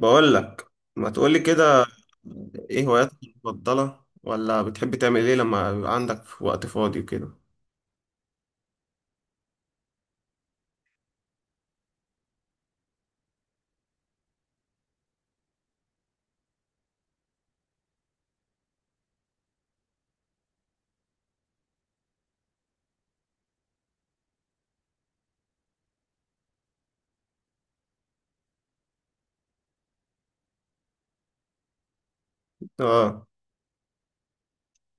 بقول لك ما تقولي كده. ايه هواياتك المفضلة؟ ولا بتحب تعمل ايه لما يبقى عندك وقت فاضي وكده؟ اه.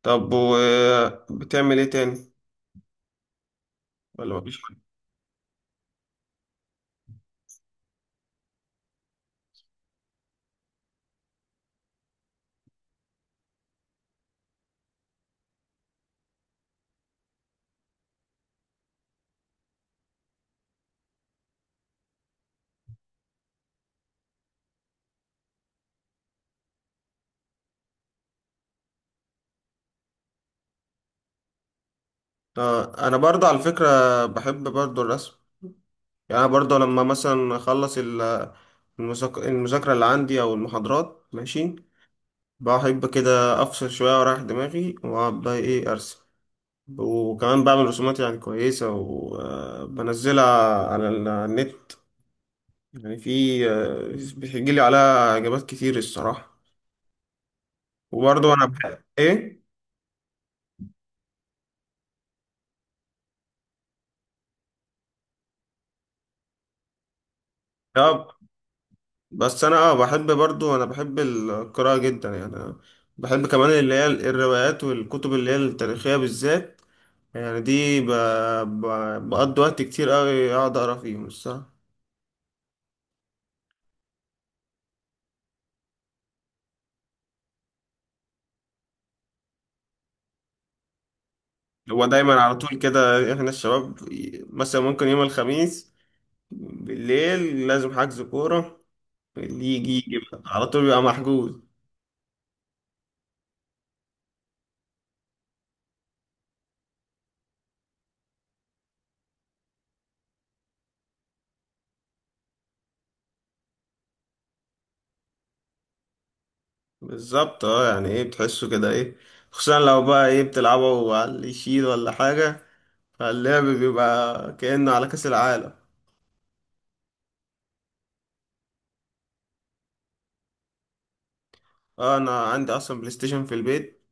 طب وبتعمل ايه تاني؟ ولا مفيش حاجة؟ اه، انا برضه على فكرة بحب برضه الرسم. يعني انا برضه لما مثلا اخلص المذاكرة اللي عندي او المحاضرات، ماشي، بحب كده افصل شوية واريح دماغي واقعد بقى ايه ارسم. وكمان بعمل رسومات يعني كويسة وبنزلها على على النت، يعني في بيجي لي عليها إجابات كتير الصراحة. وبرضه أنا بحب إيه؟ آه، بس أنا بحب برضه، أنا بحب القراءة جدا. يعني أنا بحب كمان اللي هي الروايات والكتب اللي هي التاريخية بالذات. يعني دي ب... بقضي وقت كتير أوي أقعد أقرا فيهم الصراحة. هو دايما على طول كده إحنا الشباب مثلا ممكن يوم الخميس بالليل لازم حجز كورة. اللي يجي يجي بقى. على طول بيبقى محجوز. بالظبط اه، يعني ايه بتحسه كده ايه، خصوصا لو بقى ايه بتلعبه على اللي يشيل ولا حاجة، فاللعب بيبقى كأنه على كأس العالم. اه انا عندي اصلا بلاي ستيشن في البيت،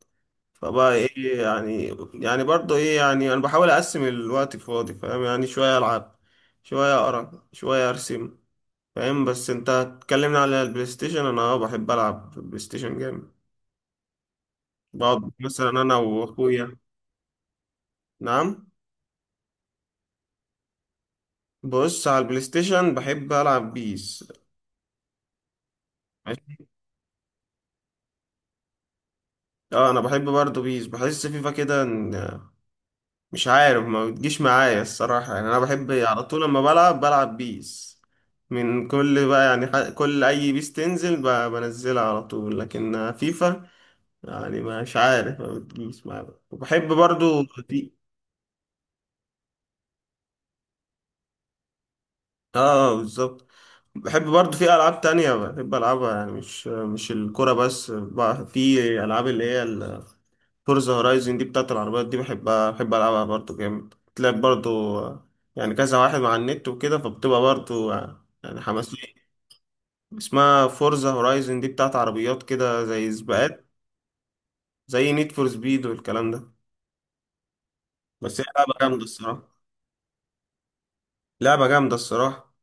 فبقى ايه يعني، يعني برضه ايه يعني انا بحاول اقسم الوقت الفاضي، فاهم؟ يعني شوية العب شوية اقرا شوية ارسم، فاهم؟ بس انت اتكلمنا على البلاي ستيشن، انا اه بحب العب في البلاي ستيشن جامد. بقعد مثلا انا واخويا. نعم. بص، على البلاي ستيشن بحب العب بيس. اه انا بحب برضه بيس، بحس فيفا كده مش عارف ما بتجيش معايا الصراحة. يعني انا بحب على طول لما بلعب بلعب بيس. من كل بقى يعني كل اي بيس تنزل بنزلها على طول، لكن فيفا يعني مش عارف ما بتجيش معايا. وبحب برضه في اه، بالظبط. بحب برضه في العاب تانية بحب العبها، يعني مش الكرة بس بقى، في العاب اللي هي فورزا هورايزن دي بتاعت العربيات، دي بحبها بحب ألعبها برضه جامد. تلعب برضه آه، يعني كذا واحد مع النت وكده، فبتبقى برضه يعني حماسية. اسمها فورزا هورايزن، دي بتاعت عربيات كده، زي سباقات، زي نيد فور سبيد والكلام ده. بس هي لعبة جامدة الصراحة. لعبة جامدة الصراحة.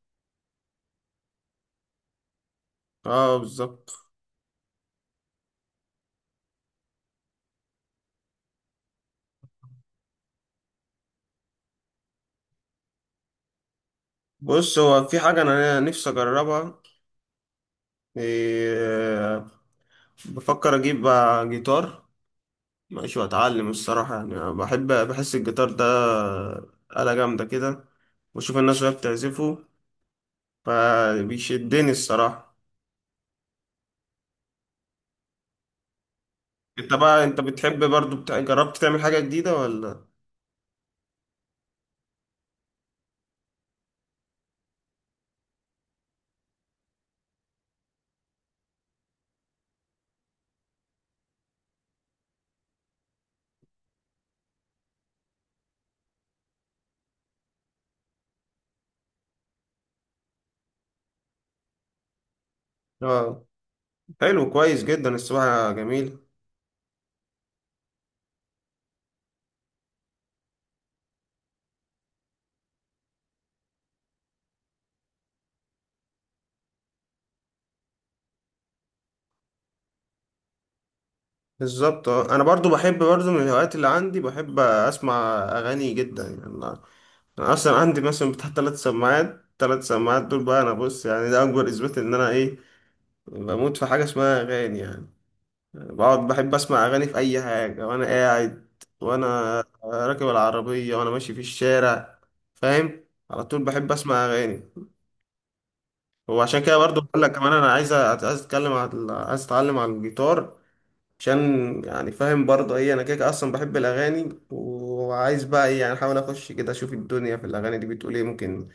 اه بالظبط. بص هو في حاجة أنا نفسي أجربها، إيه، بفكر أجيب جيتار، ماشي، واتعلم الصراحة. يعني أنا بحس الجيتار ده آلة جامدة كده، واشوف الناس وهي بتعزفه فبيشدني الصراحة. انت بتحب برضو بتاع... جربت تعمل حاجة جديدة ولا؟ اه حلو كويس جدا السباحة جميل. بالظبط آه. انا برضو بحب برضو من الهوايات اللي عندي بحب اسمع اغاني جدا. يعني انا، أنا اصلا عندي مثلا بتاع 3 سماعات، 3 سماعات دول بقى. انا بص، يعني ده اكبر اثبات ان انا ايه بموت في حاجة اسمها اغاني يعني. بقعد بحب اسمع اغاني في اي حاجه، وانا قاعد وانا راكب العربيه وانا ماشي في الشارع، فاهم؟ على طول بحب اسمع اغاني. وعشان كده برضو بقول لك كمان انا عايز عايز اتكلم عن عايز اتعلم على الجيتار، عشان يعني فاهم برضو ايه، انا كده كده اصلا بحب الاغاني وعايز بقى ايه يعني احاول اخش كده اشوف الدنيا في الاغاني دي بتقول ايه، ممكن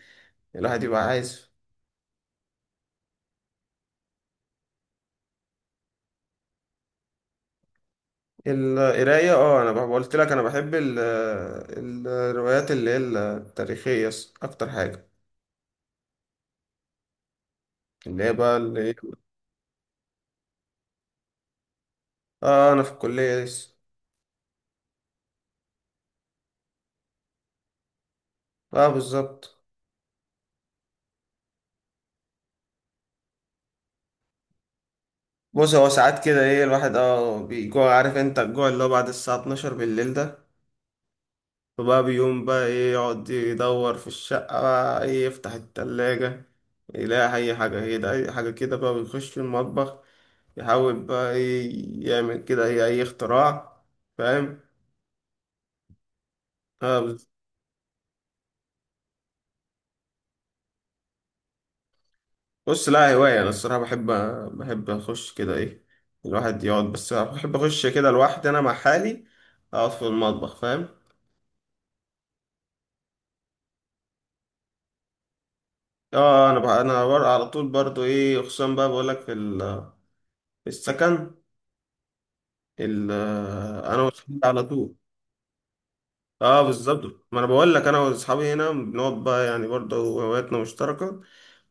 الواحد يبقى عايز. القرايه اه، انا قلت لك انا بحب الروايات اللي هي التاريخيه اكتر حاجه، اللي هي بقى اللي إيه؟ اه انا في الكلية لسه. اه بالظبط. بص هو ساعات كده ايه الواحد اه بيجوع، عارف انت الجوع اللي هو بعد الساعة 12 بالليل ده؟ فبقى بيقوم بقى ايه يقعد يدور في الشقة، بقى ايه يفتح التلاجة، يلاقي اي حاجة ايه ده اي حاجة كده، بقى بيخش في المطبخ يحاول بقى ايه يعمل كده ايه اي اختراع، فاهم؟ اه. بص لا، هواية أنا الصراحة بحب، بحب أخش كده إيه الواحد يقعد، بس بحب أخش كده لوحدي أنا مع حالي أقعد في المطبخ، فاهم؟ آه أنا بقى أنا على طول برضو إيه، خصوصا بقى بقولك في في السكن ال... أنا وأصحابي على طول. آه بالظبط، ما أنا بقولك أنا وأصحابي هنا بنقعد بقى، يعني برضو هواياتنا مشتركة.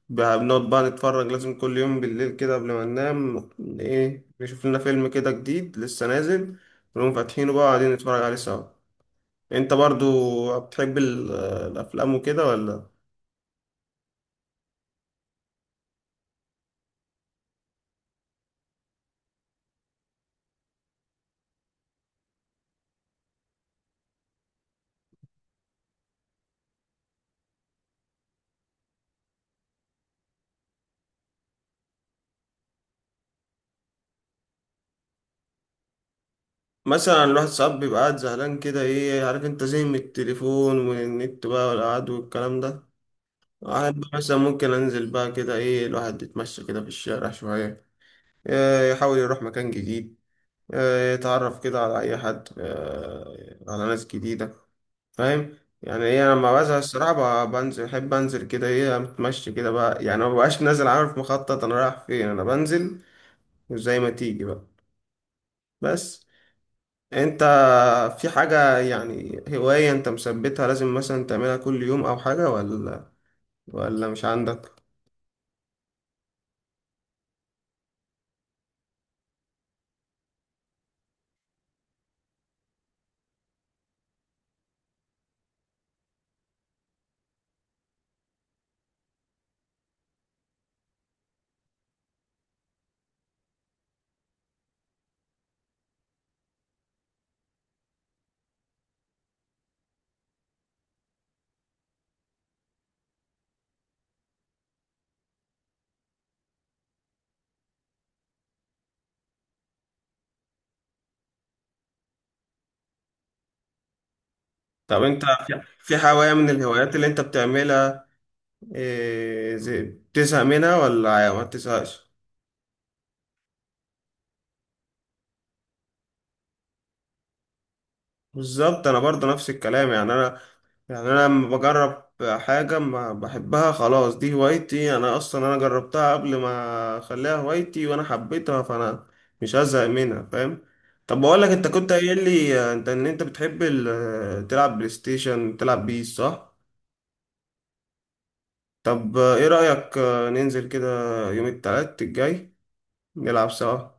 بقى بنقعد بقى نتفرج لازم كل يوم بالليل كده قبل ما ننام، إيه نشوف لنا فيلم كده جديد لسه نازل ونقوم فاتحينه بقى قاعدين نتفرج عليه سوا. انت برضو بتحب الافلام وكده ولا؟ مثلا الواحد ساعات بيبقى قاعد زهلان كده ايه، عارف انت، زي من التليفون والنت بقى والقعد والكلام ده، احب مثلا ممكن انزل بقى كده ايه الواحد يتمشى كده في الشارع شوية، اه، يحاول يروح مكان جديد، اه، يتعرف كده على اي حد، اه، على ناس جديدة، فاهم؟ يعني ايه، انا لما بزهق الصراحة بنزل، احب انزل كده ايه اتمشى كده بقى، يعني ما ببقاش نازل عارف مخطط انا رايح فين، انا بنزل وزي ما تيجي بقى. بس انت في حاجة يعني هواية انت مثبتها لازم مثلا تعملها كل يوم او حاجة ولا؟ ولا مش عندك؟ طب انت في في هواية من الهوايات اللي انت بتعملها إيه بتزهق منها ولا ما بتزهقش؟ بالظبط انا برضه نفس الكلام. يعني انا، يعني انا لما بجرب حاجه ما بحبها خلاص، دي هوايتي انا اصلا، انا جربتها قبل ما اخليها هوايتي وانا حبيتها، فانا مش هزهق منها، فاهم؟ طب بقول لك انت كنت قايل لي انت ان انت بتحب تلعب بلاي ستيشن تلعب بيس، صح؟ طب ايه رايك ننزل كده يوم التلات الجاي نلعب سوا؟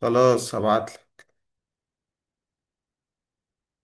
خلاص هبعت.